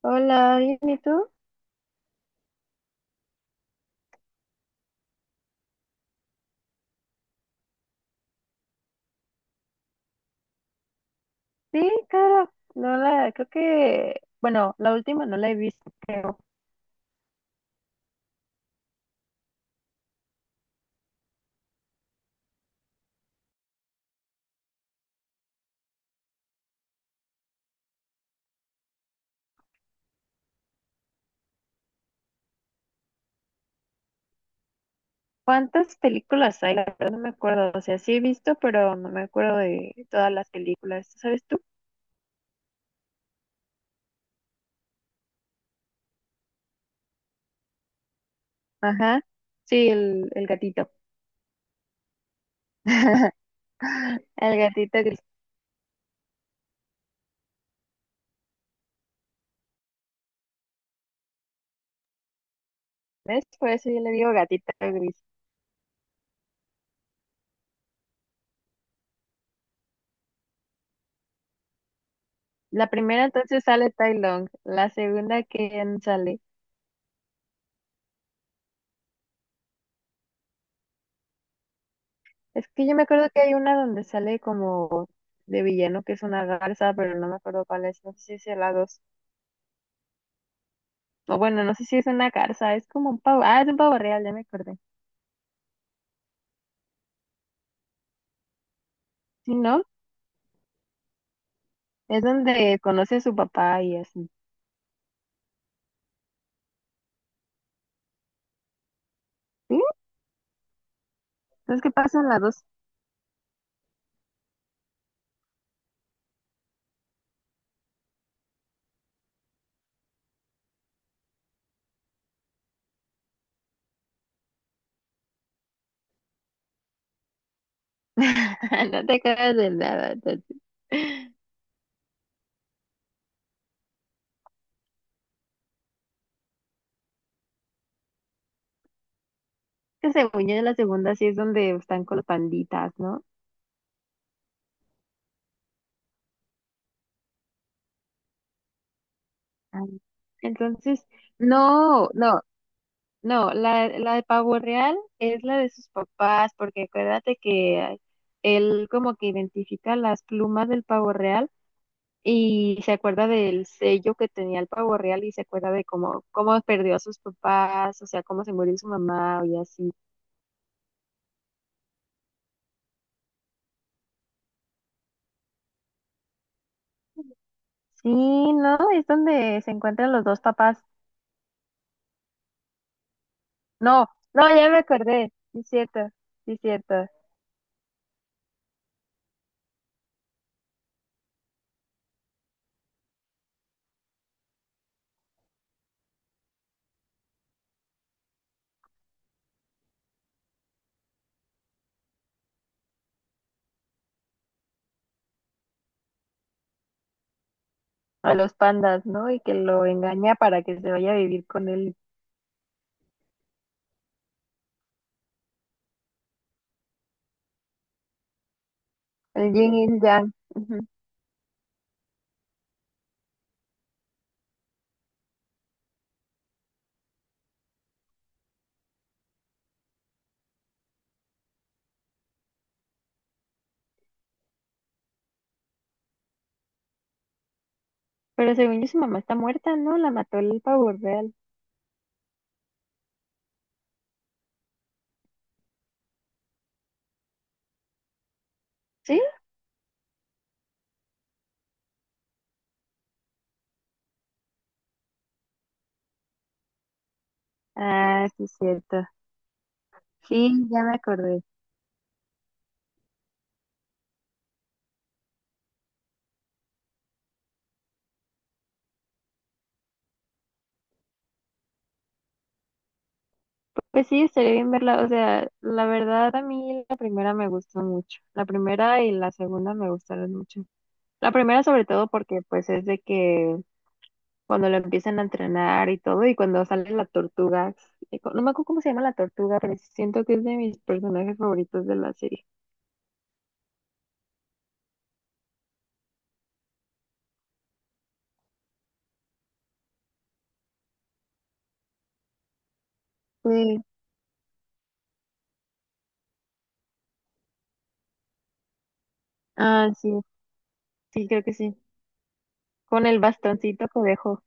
Hola, bien, ¿y tú? Sí, cara, no la, creo que, bueno, la última no la he visto, creo. ¿Cuántas películas hay? La verdad no me acuerdo, o sea, sí he visto, pero no me acuerdo de todas las películas, ¿sabes tú? Ajá, sí, el gatito, el gatito gris, ¿ves? Por eso yo le digo gatito gris. La primera entonces sale Tai Long, la segunda, ¿quién sale? Es que yo me acuerdo que hay una donde sale como de villano, que es una garza, pero no me acuerdo cuál es. No sé si es el la dos. O bueno, no sé si es una garza, es como un pavo. Ah, es un pavo real, ya me acordé. Si no, es donde conoce a su papá y así. ¿Sí? Entonces, ¿qué pasa en la 2? No te acuerdas de nada, entonces. Que según yo, en la segunda sí es donde están con los panditas, ¿no? Ay. Entonces, no, no. No, la de pavo real es la de sus papás, porque acuérdate que él como que identifica las plumas del pavo real y se acuerda del sello que tenía el pavo real y se acuerda de cómo perdió a sus papás, o sea, cómo se murió su mamá y así. Sí, no, es donde se encuentran los dos papás. No, no, ya me acordé, sí es cierto, sí es cierto. A los pandas, ¿no? Y que lo engaña para que se vaya a vivir con él, el yin y el yang. Pero según yo, su mamá está muerta, ¿no? La mató el pavo real. ¿Sí? Ah, sí, cierto. Sí, ya me acordé. Pues sí, estaría bien verla. O sea, la verdad a mí la primera me gustó mucho. La primera y la segunda me gustaron mucho. La primera sobre todo porque pues es de que cuando lo empiezan a entrenar y todo y cuando sale la tortuga, no me acuerdo cómo se llama la tortuga, pero siento que es de mis personajes favoritos de la serie. Sí. Ah, sí, sí, creo que sí. Con el bastoncito que dejó.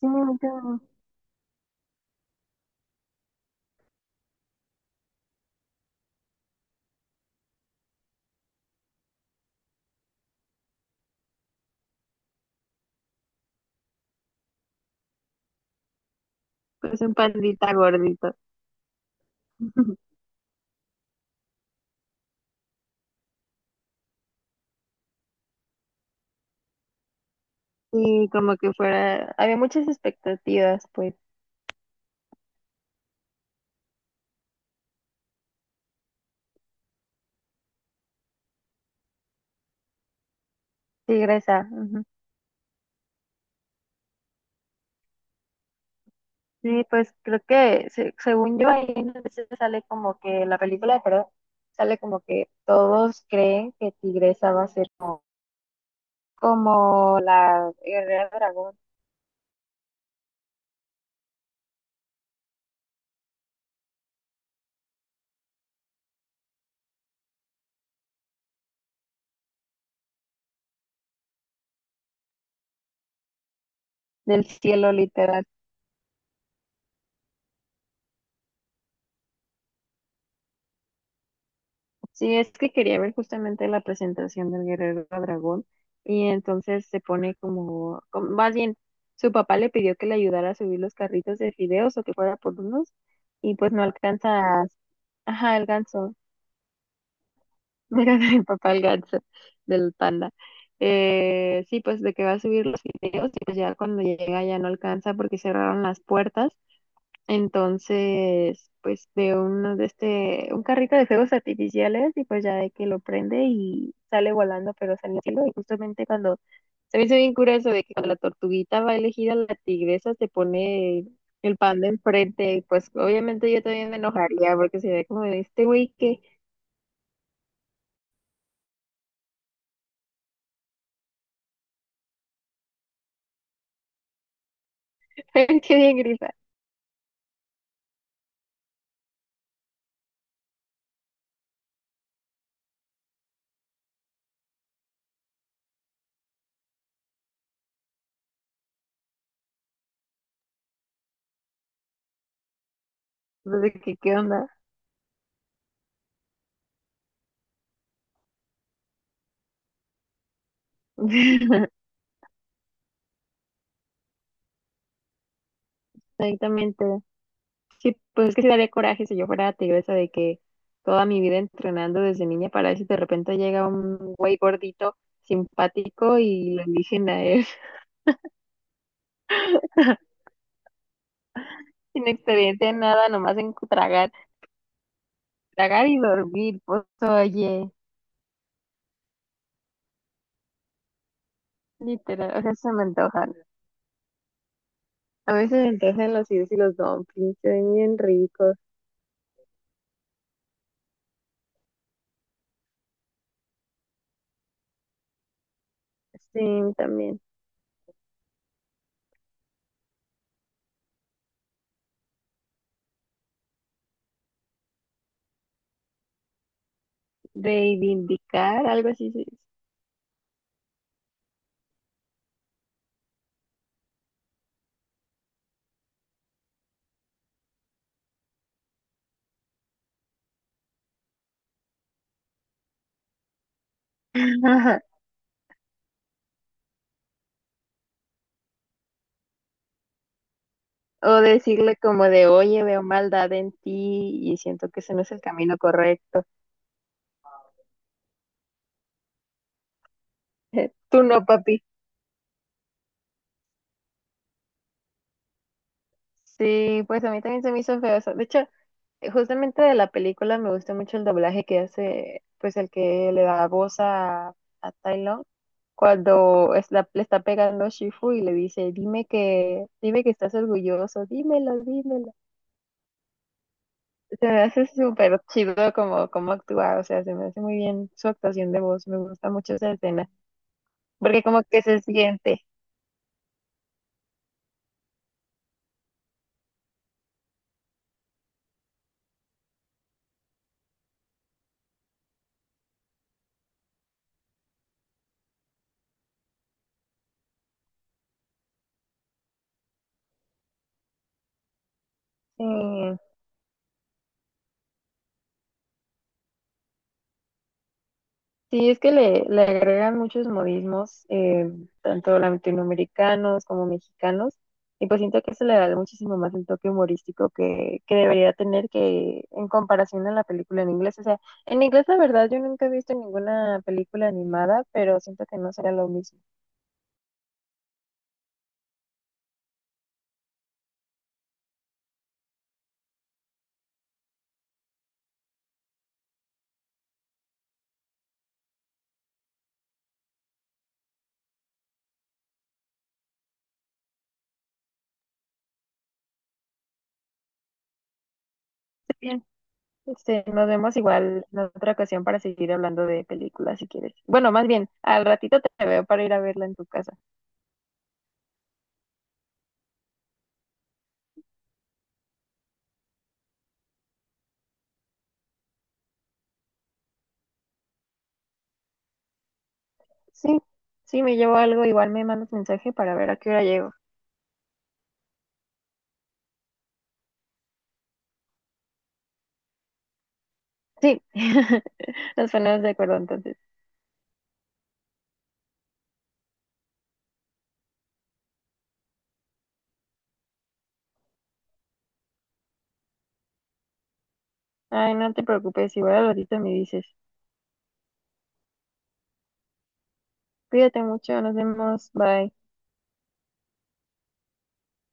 Sí, me gusta. Pues un pandita gordito. Y como que fuera, había muchas expectativas, pues, tigresa. Ujú. Sí, pues creo que según yo ahí a veces sale como que la película, perdón, sale como que todos creen que Tigresa va a ser como, como la guerrera dragón del cielo literal. Sí, es que quería ver justamente la presentación del Guerrero Dragón y entonces se pone más bien, su papá le pidió que le ayudara a subir los carritos de fideos o que fuera por unos y pues no alcanza, ajá, el ganso, mira, mi papá el ganso del panda. Sí, pues de que va a subir los fideos y pues ya cuando llega ya no alcanza porque cerraron las puertas entonces, pues veo uno de este, un carrito de fuegos artificiales y pues ya de que lo prende y sale volando, pero sale al cielo. Y justamente cuando se me hizo bien curioso de que cuando la tortuguita va elegida, la tigresa se pone el panda enfrente. Y pues obviamente yo también me enojaría porque se ve como de este güey que, que bien grita. Entonces, ¿qué onda? Exactamente. Sí, pues es que sí daría coraje si yo fuera tigresa de que toda mi vida entrenando desde niña para eso de repente llega un güey gordito, simpático y lo eligen a él, sin experiencia en nada, nomás en tragar, tragar y dormir, pues oye, literal, o sea, se me antojan. A mí se me antojan los idos y los dumplings, se ven bien ricos. Sí, también. Reivindicar, algo así se dice. O decirle como de, oye, veo maldad en ti y siento que ese no es el camino correcto. Tú no, papi. Sí, pues a mí también se me hizo feo eso. De hecho, justamente de la película me gusta mucho el doblaje que hace, pues el que le da voz a, Tai Lung cuando le está pegando Shifu y le dice, dime que estás orgulloso, dímelo, dímelo. Se me hace súper chido como actuar, o sea, se me hace muy bien su actuación de voz, me gusta mucho esa escena. Porque como que se siente. eh, sí, es que le agregan muchos modismos, tanto latinoamericanos como mexicanos, y pues siento que se le da muchísimo más el toque humorístico que debería tener que en comparación a la película en inglés. O sea, en inglés la verdad yo nunca he visto ninguna película animada, pero siento que no será lo mismo. Bien. Este, nos vemos igual en otra ocasión para seguir hablando de películas si quieres. Bueno, más bien, al ratito te veo para ir a verla en tu casa. Sí, sí, me llevo algo, igual me mandas mensaje para ver a qué hora llego. Sí, nos ponemos de acuerdo entonces. Ay, no te preocupes, igual al ratito me dices. Cuídate mucho, nos vemos, bye.